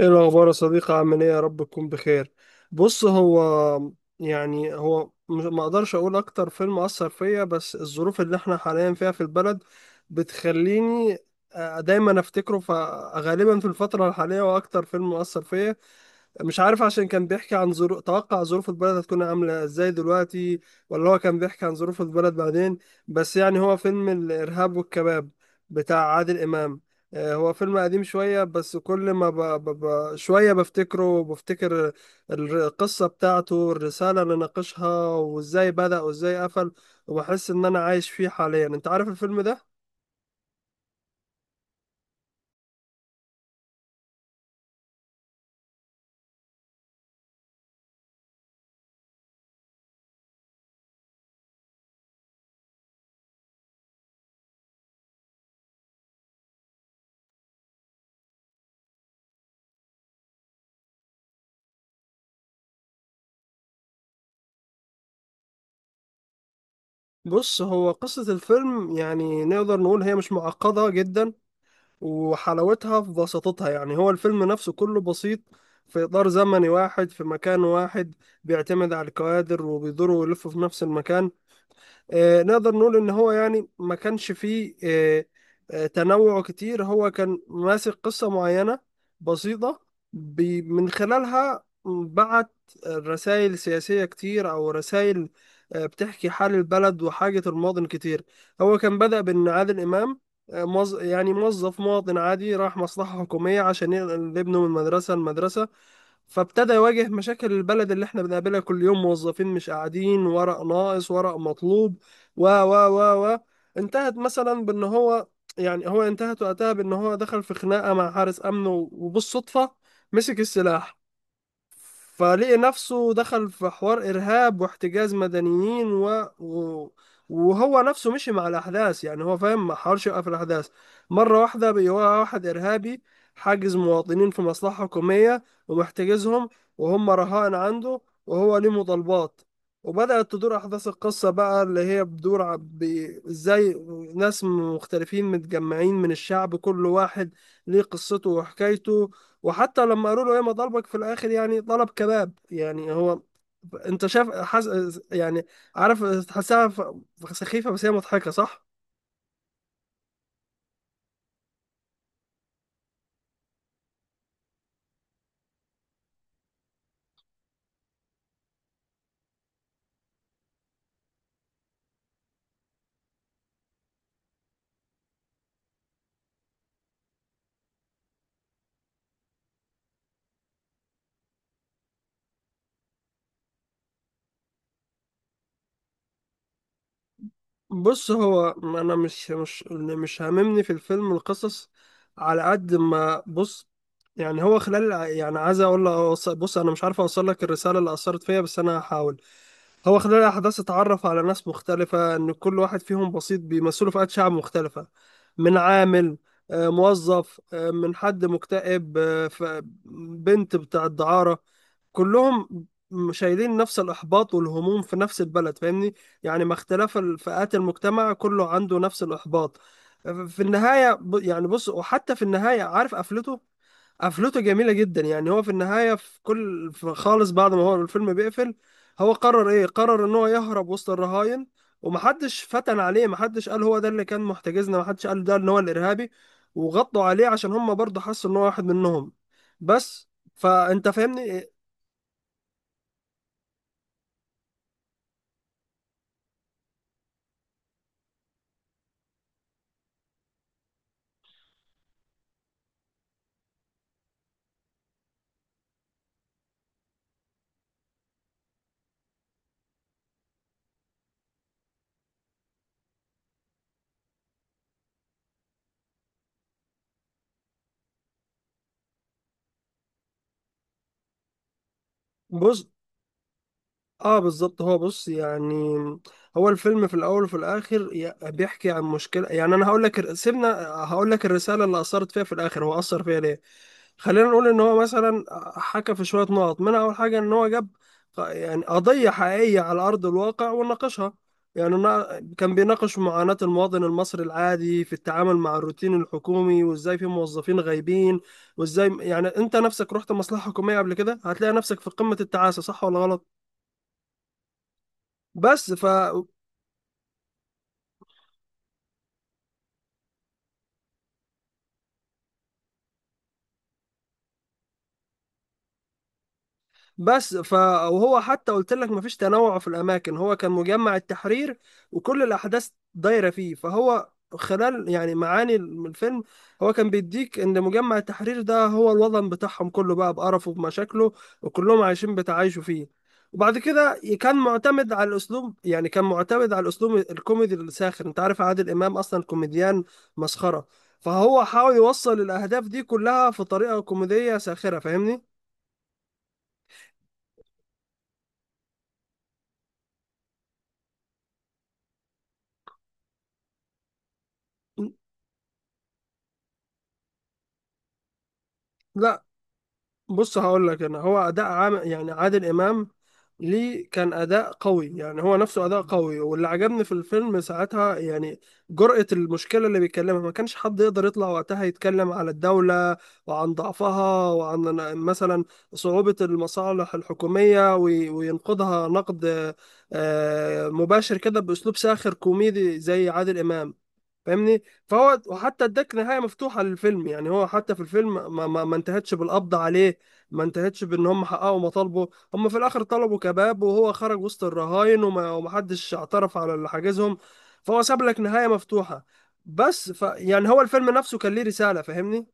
ايه الاخبار يا صديقي؟ عامل ايه؟ يا رب تكون بخير. بص، هو ما اقدرش اقول اكتر فيلم اثر فيا، بس الظروف اللي احنا حاليا فيها في البلد بتخليني، دايما افتكره، فغالبا في الفترة الحالية. واكتر فيلم اثر فيا، مش عارف عشان كان بيحكي عن ظروف، توقع ظروف البلد هتكون عاملة ازاي دلوقتي، ولا هو كان بيحكي عن ظروف البلد بعدين، بس يعني هو فيلم الإرهاب والكباب بتاع عادل إمام. هو فيلم قديم شوية، بس كل ما شوية بفتكره وبفتكر القصة بتاعته، الرسالة اللي ناقشها، وازاي بدأ وازاي قفل. وبحس ان انا عايش فيه حاليا. انت عارف الفيلم ده؟ بص، هو قصة الفيلم يعني نقدر نقول هي مش معقدة جدا، وحلاوتها في بساطتها. يعني هو الفيلم نفسه كله بسيط، في إطار زمني واحد، في مكان واحد، بيعتمد على الكوادر، وبيدوروا ويلفوا في نفس المكان. نقدر نقول ان هو يعني ما كانش فيه تنوع كتير. هو كان ماسك قصة معينة بسيطة، من خلالها بعت رسائل سياسية كتير، او رسائل بتحكي حال البلد وحاجة المواطن كتير. هو كان بدأ بان عادل امام يعني موظف مواطن عادي راح مصلحة حكومية عشان ينقل ابنه من مدرسة لمدرسة، فابتدى يواجه مشاكل البلد اللي احنا بنقابلها كل يوم: موظفين مش قاعدين، ورق ناقص، ورق مطلوب، و انتهت مثلا بان هو انتهت وقتها بان هو دخل في خناقة مع حارس امن وبالصدفة مسك السلاح، فلقي نفسه دخل في حوار إرهاب واحتجاز مدنيين وهو نفسه مشي مع الأحداث. يعني هو فاهم، ما حاولش يوقف الأحداث. مرة واحدة بقى هو واحد إرهابي، حاجز مواطنين في مصلحة حكومية، ومحتجزهم وهم رهائن عنده، وهو ليه مطالبات. وبدأت تدور أحداث القصة بقى، اللي هي بتدور إزاي ناس مختلفين متجمعين من الشعب، كل واحد ليه قصته وحكايته. وحتى لما قالوا له ايه ما ضربك في الاخر؟ يعني ضرب كباب. يعني هو انت شايف يعني عارف تحسها سخيفة، بس هي مضحكة صح. بص، هو انا مش هاممني في الفيلم القصص على قد ما، بص، يعني هو خلال يعني عايز اقول له بص انا مش عارف اوصل لك الرسالة اللي اثرت فيا، بس انا هحاول. هو خلال الأحداث اتعرف على ناس مختلفة، إن كل واحد فيهم بسيط، بيمثلوا فئات شعب مختلفة، من عامل، موظف، من حد مكتئب، بنت بتاع الدعارة، كلهم شايلين نفس الإحباط والهموم في نفس البلد. فاهمني؟ يعني مع اختلاف فئات المجتمع، كله عنده نفس الإحباط. في النهاية يعني بص، وحتى في النهاية، عارف قفلته؟ قفلته جميلة جدا. يعني هو في النهاية، في كل، في خالص، بعد ما هو الفيلم بيقفل، هو قرر ايه؟ قرر ان هو يهرب وسط الرهاين، ومحدش فتن عليه، محدش قال هو ده اللي كان محتجزنا، محدش قال ده ان هو الارهابي، وغطوا عليه عشان هم برضه حسوا ان هو واحد منهم، بس. فانت فاهمني. جزء. اه بالظبط. هو بص يعني هو الفيلم في الاول وفي الاخر بيحكي عن مشكله. يعني انا هقول لك سيبنا، هقول لك الرساله اللي اثرت فيها في الاخر، هو اثر فيها ليه. خلينا نقول ان هو مثلا حكى في شويه نقط، منها اول حاجه ان هو جاب يعني قضيه حقيقيه على ارض الواقع وناقشها. يعني كان بيناقش معاناه المواطن المصري العادي في التعامل مع الروتين الحكومي، وازاي في موظفين غايبين، وازاي يعني انت نفسك رحت مصلحه حكوميه قبل كده، هتلاقي نفسك في قمه التعاسه، صح ولا غلط؟ بس ف بس ف وهو حتى قلت لك مفيش تنوع في الاماكن، هو كان مجمع التحرير وكل الاحداث دايره فيه. فهو خلال يعني معاني الفيلم، هو كان بيديك ان مجمع التحرير ده هو الوطن بتاعهم كله، بقى بقرفه بمشاكله، وكلهم عايشين بتعايشوا فيه. وبعد كده كان معتمد على الاسلوب، يعني كان معتمد على الاسلوب الكوميدي الساخر. انت عارف عادل امام اصلا كوميديان مسخره، فهو حاول يوصل الاهداف دي كلها في طريقه كوميديه ساخره. فاهمني؟ لا بص، هقول لك انا، هو اداء عام يعني عادل امام، ليه كان اداء قوي. يعني هو نفسه اداء قوي. واللي عجبني في الفيلم ساعتها يعني جرأة المشكله اللي بيتكلمها، ما كانش حد يقدر يطلع وقتها يتكلم على الدوله وعن ضعفها، وعن مثلا صعوبه المصالح الحكوميه، وينقدها نقد مباشر كده باسلوب ساخر كوميدي زي عادل امام. فاهمني؟ فهو، وحتى اداك نهايه مفتوحه للفيلم. يعني هو حتى في الفيلم ما انتهتش بالقبض عليه، ما انتهتش بان هم حققوا مطالبه، هم في الاخر طلبوا كباب، وهو خرج وسط الرهاين، ومحدش اعترف على اللي حاجزهم. فهو ساب لك نهايه مفتوحه، بس ف يعني هو الفيلم نفسه كان ليه رساله. فاهمني؟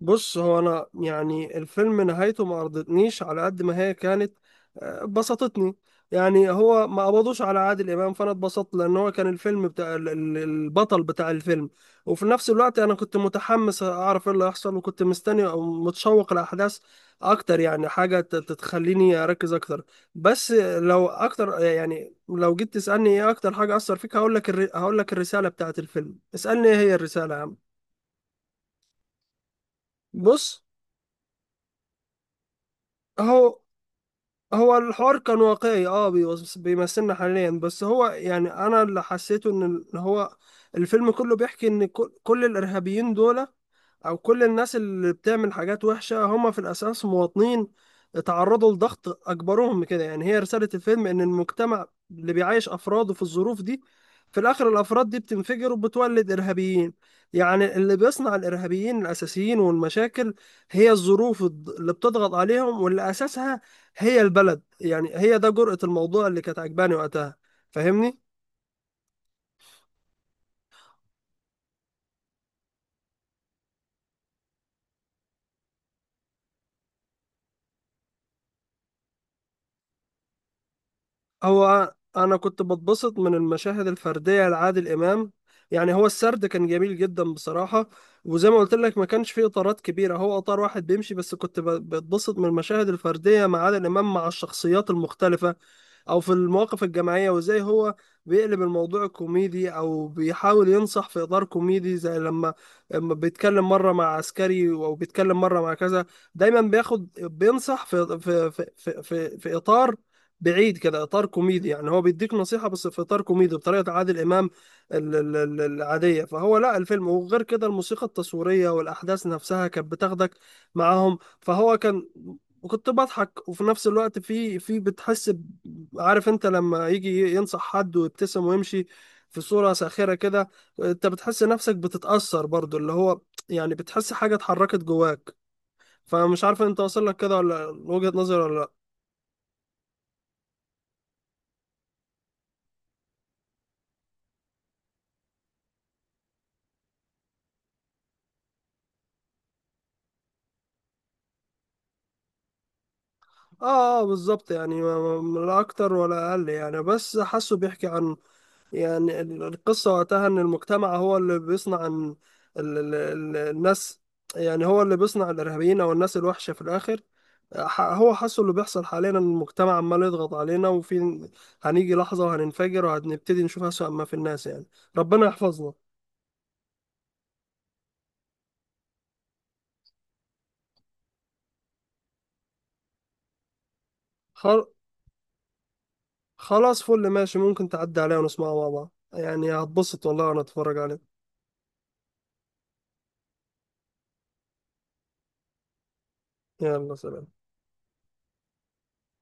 بص، هو انا يعني الفيلم نهايته ما ارضتنيش، على قد ما هي كانت بسطتني. يعني هو ما قبضوش على عادل امام، فانا اتبسطت لان هو كان الفيلم بتاع البطل بتاع الفيلم. وفي نفس الوقت انا كنت متحمس اعرف ايه اللي هيحصل، وكنت مستني او متشوق الاحداث اكتر. يعني حاجه تتخليني اركز اكتر. بس لو اكتر، يعني لو جيت تسالني ايه اكتر حاجه اثر فيك، هقول لك هقول لك الرساله بتاعت الفيلم. اسالني ايه هي الرساله يا عم. بص، اهو، هو الحوار كان واقعي، اه بيمثلنا حاليا، بس هو يعني انا اللي حسيته ان هو الفيلم كله بيحكي ان كل الارهابيين دول او كل الناس اللي بتعمل حاجات وحشة، هم في الاساس مواطنين اتعرضوا لضغط اجبرهم كده. يعني هي رسالة الفيلم، ان المجتمع اللي بيعيش افراده في الظروف دي، في الاخر الافراد دي بتنفجر وبتولد ارهابيين. يعني اللي بيصنع الارهابيين الاساسيين والمشاكل، هي الظروف اللي بتضغط عليهم، واللي اساسها هي البلد. يعني هي ده جرأة الموضوع اللي كانت عجباني وقتها. فاهمني؟ هو انا كنت بتبسط من المشاهد الفردية لعادل امام. يعني هو السرد كان جميل جدا بصراحة، وزي ما قلت لك ما كانش فيه اطارات كبيرة، هو اطار واحد بيمشي، بس كنت بتبسط من المشاهد الفردية مع عادل امام مع الشخصيات المختلفة، او في المواقف الجماعيه، وازاي هو بيقلب الموضوع كوميدي، او بيحاول ينصح في اطار كوميدي. زي لما بيتكلم مره مع عسكري، او بيتكلم مره مع كذا، دايما بياخد بينصح في في اطار بعيد كده، اطار كوميدي. يعني هو بيديك نصيحه بس في اطار كوميدي بطريقه عادل امام العاديه. فهو لا الفيلم، وغير كده الموسيقى التصويريه والاحداث نفسها كانت بتاخدك معاهم. فهو كان، وكنت بضحك، وفي نفس الوقت في بتحس عارف انت لما يجي ينصح حد ويبتسم ويمشي في صورة ساخرة كده، انت بتحس نفسك بتتأثر برضو، اللي هو يعني بتحس حاجة اتحركت جواك. فمش عارف انت واصل لك كده ولا وجهة نظري، ولا لا. اه اه بالظبط. يعني لا اكتر ولا اقل، يعني بس حاسه بيحكي عن، يعني القصة وقتها ان المجتمع هو اللي بيصنع ان الناس، يعني هو اللي بيصنع الارهابيين او الناس الوحشة في الاخر. هو حاسه اللي بيحصل حاليا، إن المجتمع عمال يضغط علينا، وفي هنيجي لحظة وهننفجر، وهنبتدي نشوف أسوأ ما في الناس يعني. ربنا يحفظنا. خل... خلاص فل ماشي، ممكن تعدي عليها ونسمعها مع بعض. يعني هتبسط والله وأنا أتفرج عليه. يلا، سلام.